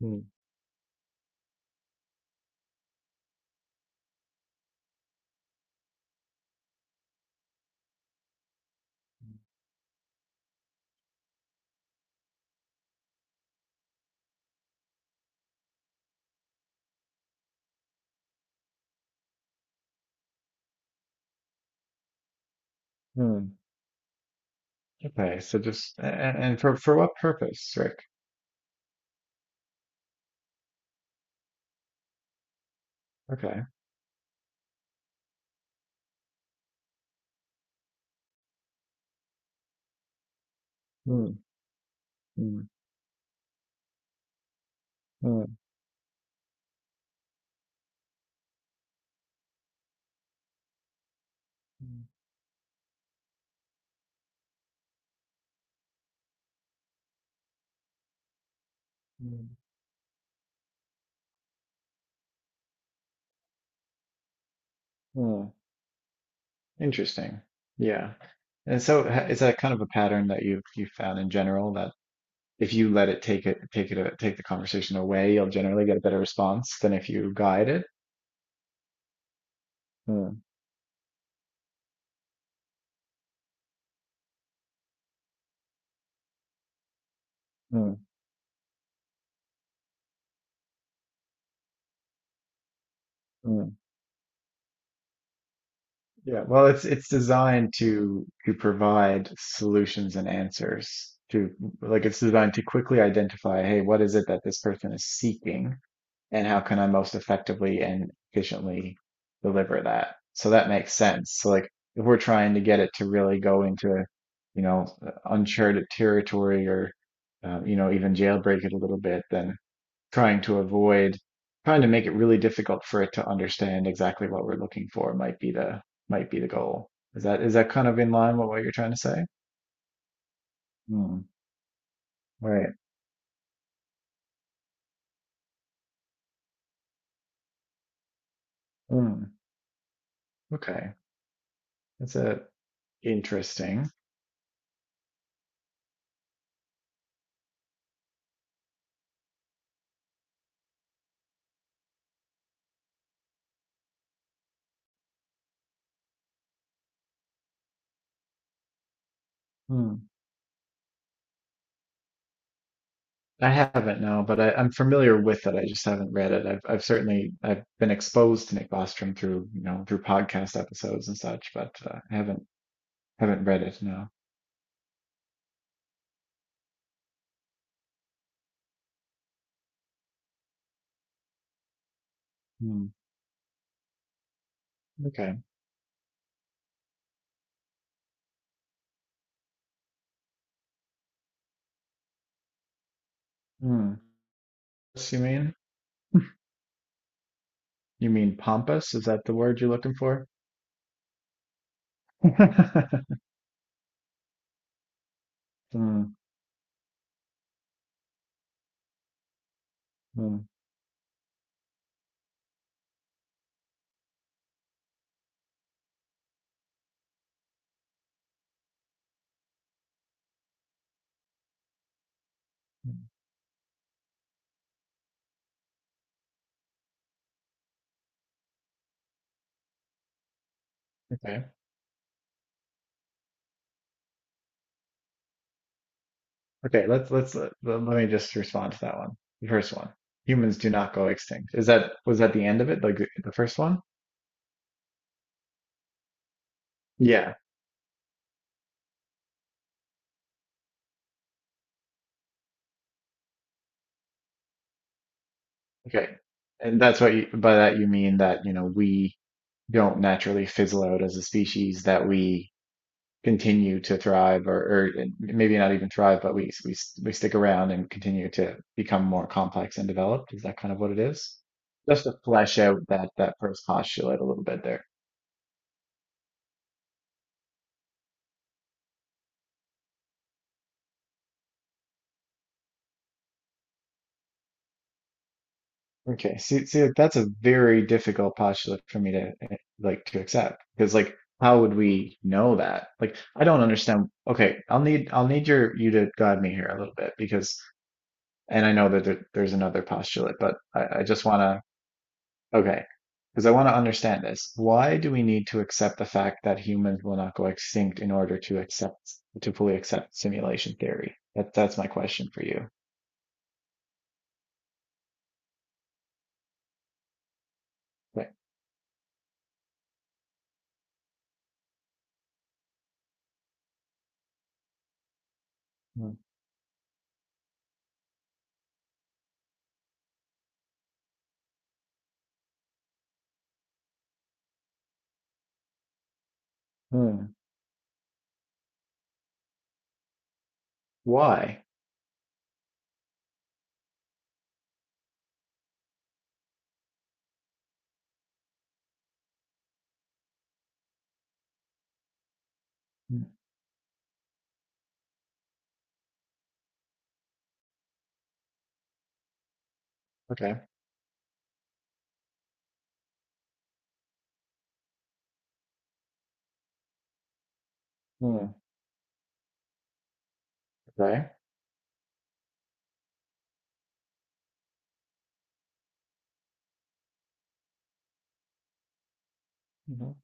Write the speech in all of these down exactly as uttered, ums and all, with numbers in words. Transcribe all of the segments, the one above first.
Hmm. Mm. Okay, so just a- a- and for for what purpose, Rick? Okay. Hmm. Hmm. Hmm. Hmm. Mm. Mm. Interesting. Yeah. And so ha- is that kind of a pattern that you you found in general that if you let it take it take it a- take the conversation away, you'll generally get a better response than if you guide it? Hmm. Hmm. Hmm. Yeah, well, it's it's designed to to provide solutions and answers to, like, it's designed to quickly identify, hey, what is it that this person is seeking, and how can I most effectively and efficiently deliver that? So that makes sense. So, like, if we're trying to get it to really go into, you know, uncharted territory or uh, you know, even jailbreak it a little bit, then trying to avoid trying to make it really difficult for it to understand exactly what we're looking for might be the, might be the goal. Is that, is that kind of in line with what you're trying to say? Hmm. Right. Hmm. Okay. That's a, interesting. Hmm. I haven't, no, but I, I'm familiar with it. I just haven't read it. I've I've certainly, I've been exposed to Nick Bostrom through, you know, through podcast episodes and such, but uh, I haven't haven't read it. No. Hmm. Okay. Hmm. What's, you mean? You mean pompous? Is that the word you're looking for? Hmm, hmm, okay. Okay. Let's let's uh, let let me just respond to that one. The first one. Humans do not go extinct. Is that, was that the end of it? Like the, the first one? Yeah. Okay. And that's what you, by that you mean that, you know, we don't naturally fizzle out as a species, that we continue to thrive, or, or maybe not even thrive, but we, we we stick around and continue to become more complex and developed. Is that kind of what it is? Just to flesh out that that first postulate a little bit there. Okay. See, see, like, that's a very difficult postulate for me to, eh, like, to accept, because, like, how would we know that? Like, I don't understand. Okay, I'll need I'll need your, you to guide me here a little bit because, and I know that there, there's another postulate, but I, I just want to, okay, because I want to understand this. Why do we need to accept the fact that humans will not go extinct in order to accept, to fully accept simulation theory? That, that's my question for you. Like, hmm, hmm, why? Hmm, okay. Hmm, okay. Mhm.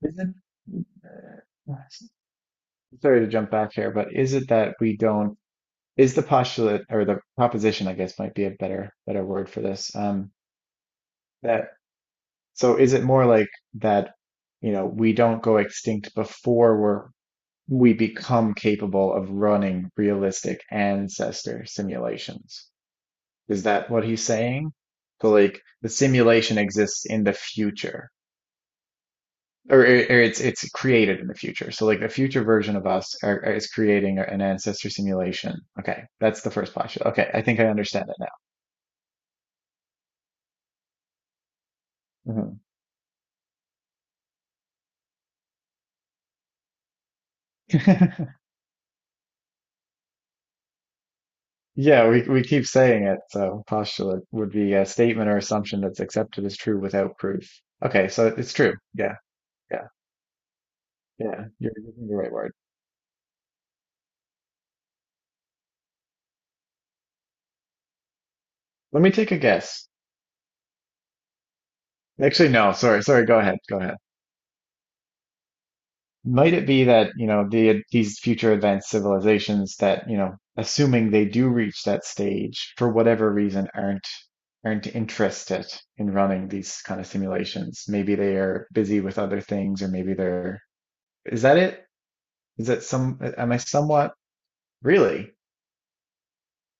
Is it, uh, uh, sorry to jump back here, but is it that we don't, is the postulate or the proposition, I guess, might be a better better word for this. Um, that, so is it more like that, you know, we don't go extinct before we're, we become capable of running realistic ancestor simulations? Is that what he's saying? So, like, the simulation exists in the future. or, or it's it's created in the future. So, like, the future version of us are, is creating an ancestor simulation. Okay, that's the first postulate. Okay, I think I understand it now. Mhm. Yeah, we we keep saying it. So postulate would be a statement or assumption that's accepted as true without proof. Okay, so it's true. Yeah, yeah, yeah. You're using the right word. Let me take a guess. Actually, no. Sorry, sorry. Go ahead. Go ahead. Might it be that, you know, the, these future advanced civilizations that, you know, assuming they do reach that stage, for whatever reason, aren't aren't interested in running these kind of simulations? Maybe they are busy with other things, or maybe they're, is that it? Is that some, am I somewhat, really?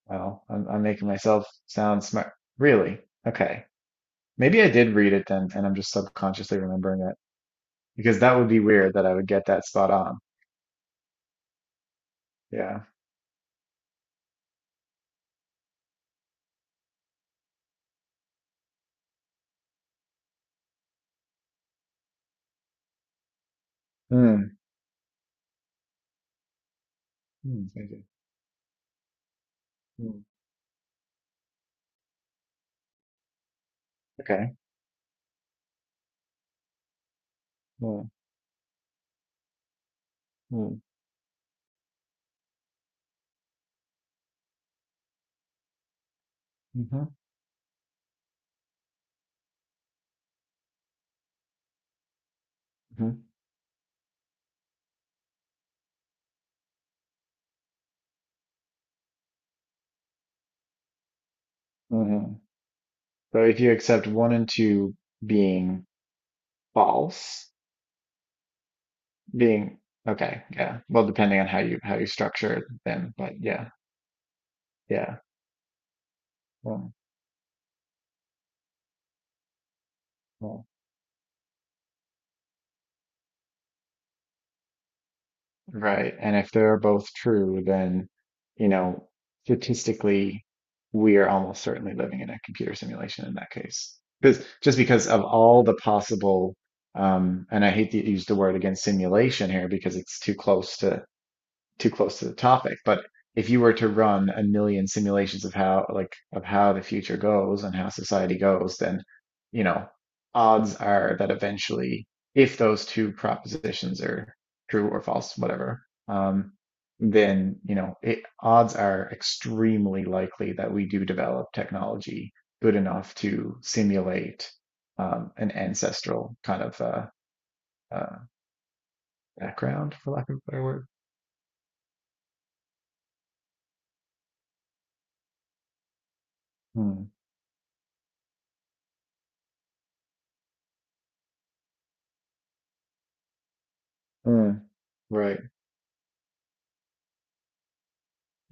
Well, I'm, I'm making myself sound smart. Really? Okay. Maybe I did read it then, and I'm just subconsciously remembering it because that would be weird that I would get that spot on. Yeah. Hmm. Hmm, thank you. Hmm. Okay. Well, well, mhm, mhm, mhm. So if you accept one and two being false, being, okay, yeah. Well, depending on how you how you structure them, but yeah, yeah. Well, well, right. And if they're both true, then, you know, statistically, we are almost certainly living in a computer simulation in that case. Because just because of all the possible, um, and I hate to use the word again, simulation, here because it's too close to, too close to the topic, but if you were to run a million simulations of how, like, of how the future goes and how society goes, then, you know, odds are that eventually, if those two propositions are true or false, whatever, um, then, you know, it, odds are extremely likely that we do develop technology good enough to simulate um, an ancestral kind of uh, uh, background, for lack of a better word. Hmm. Hmm. Right.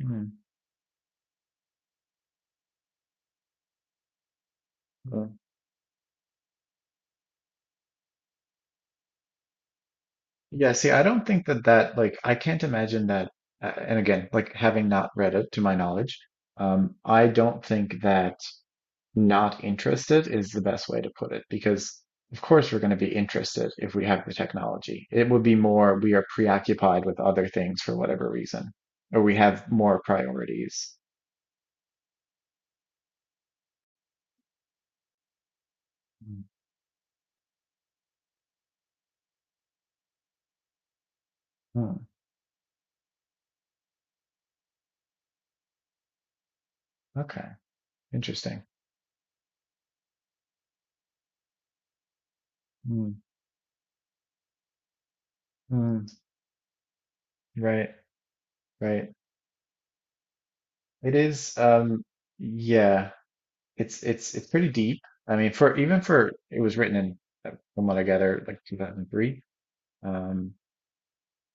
Hmm. Uh, yeah, see, I don't think that that, like, I can't imagine that. Uh, and again, like, having not read it to my knowledge, um, I don't think that not interested is the best way to put it because of course we're going to be interested if we have the technology. It would be more, we are preoccupied with other things for whatever reason, or we have more priorities. Mm. Hmm, okay, interesting. Mm, mm, right, right. It is. Um, yeah, it's it's it's pretty deep. I mean, for, even for, it was written in, uh, from what I gather, like two thousand three. Um,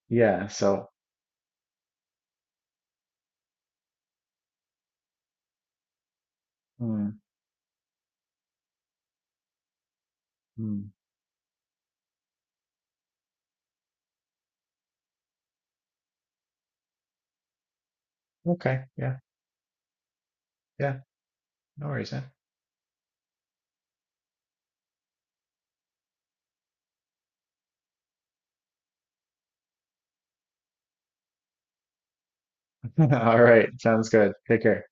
yeah. So, mm, mm, okay. Yeah. Yeah. No worries, man. All right. Sounds good. Take care.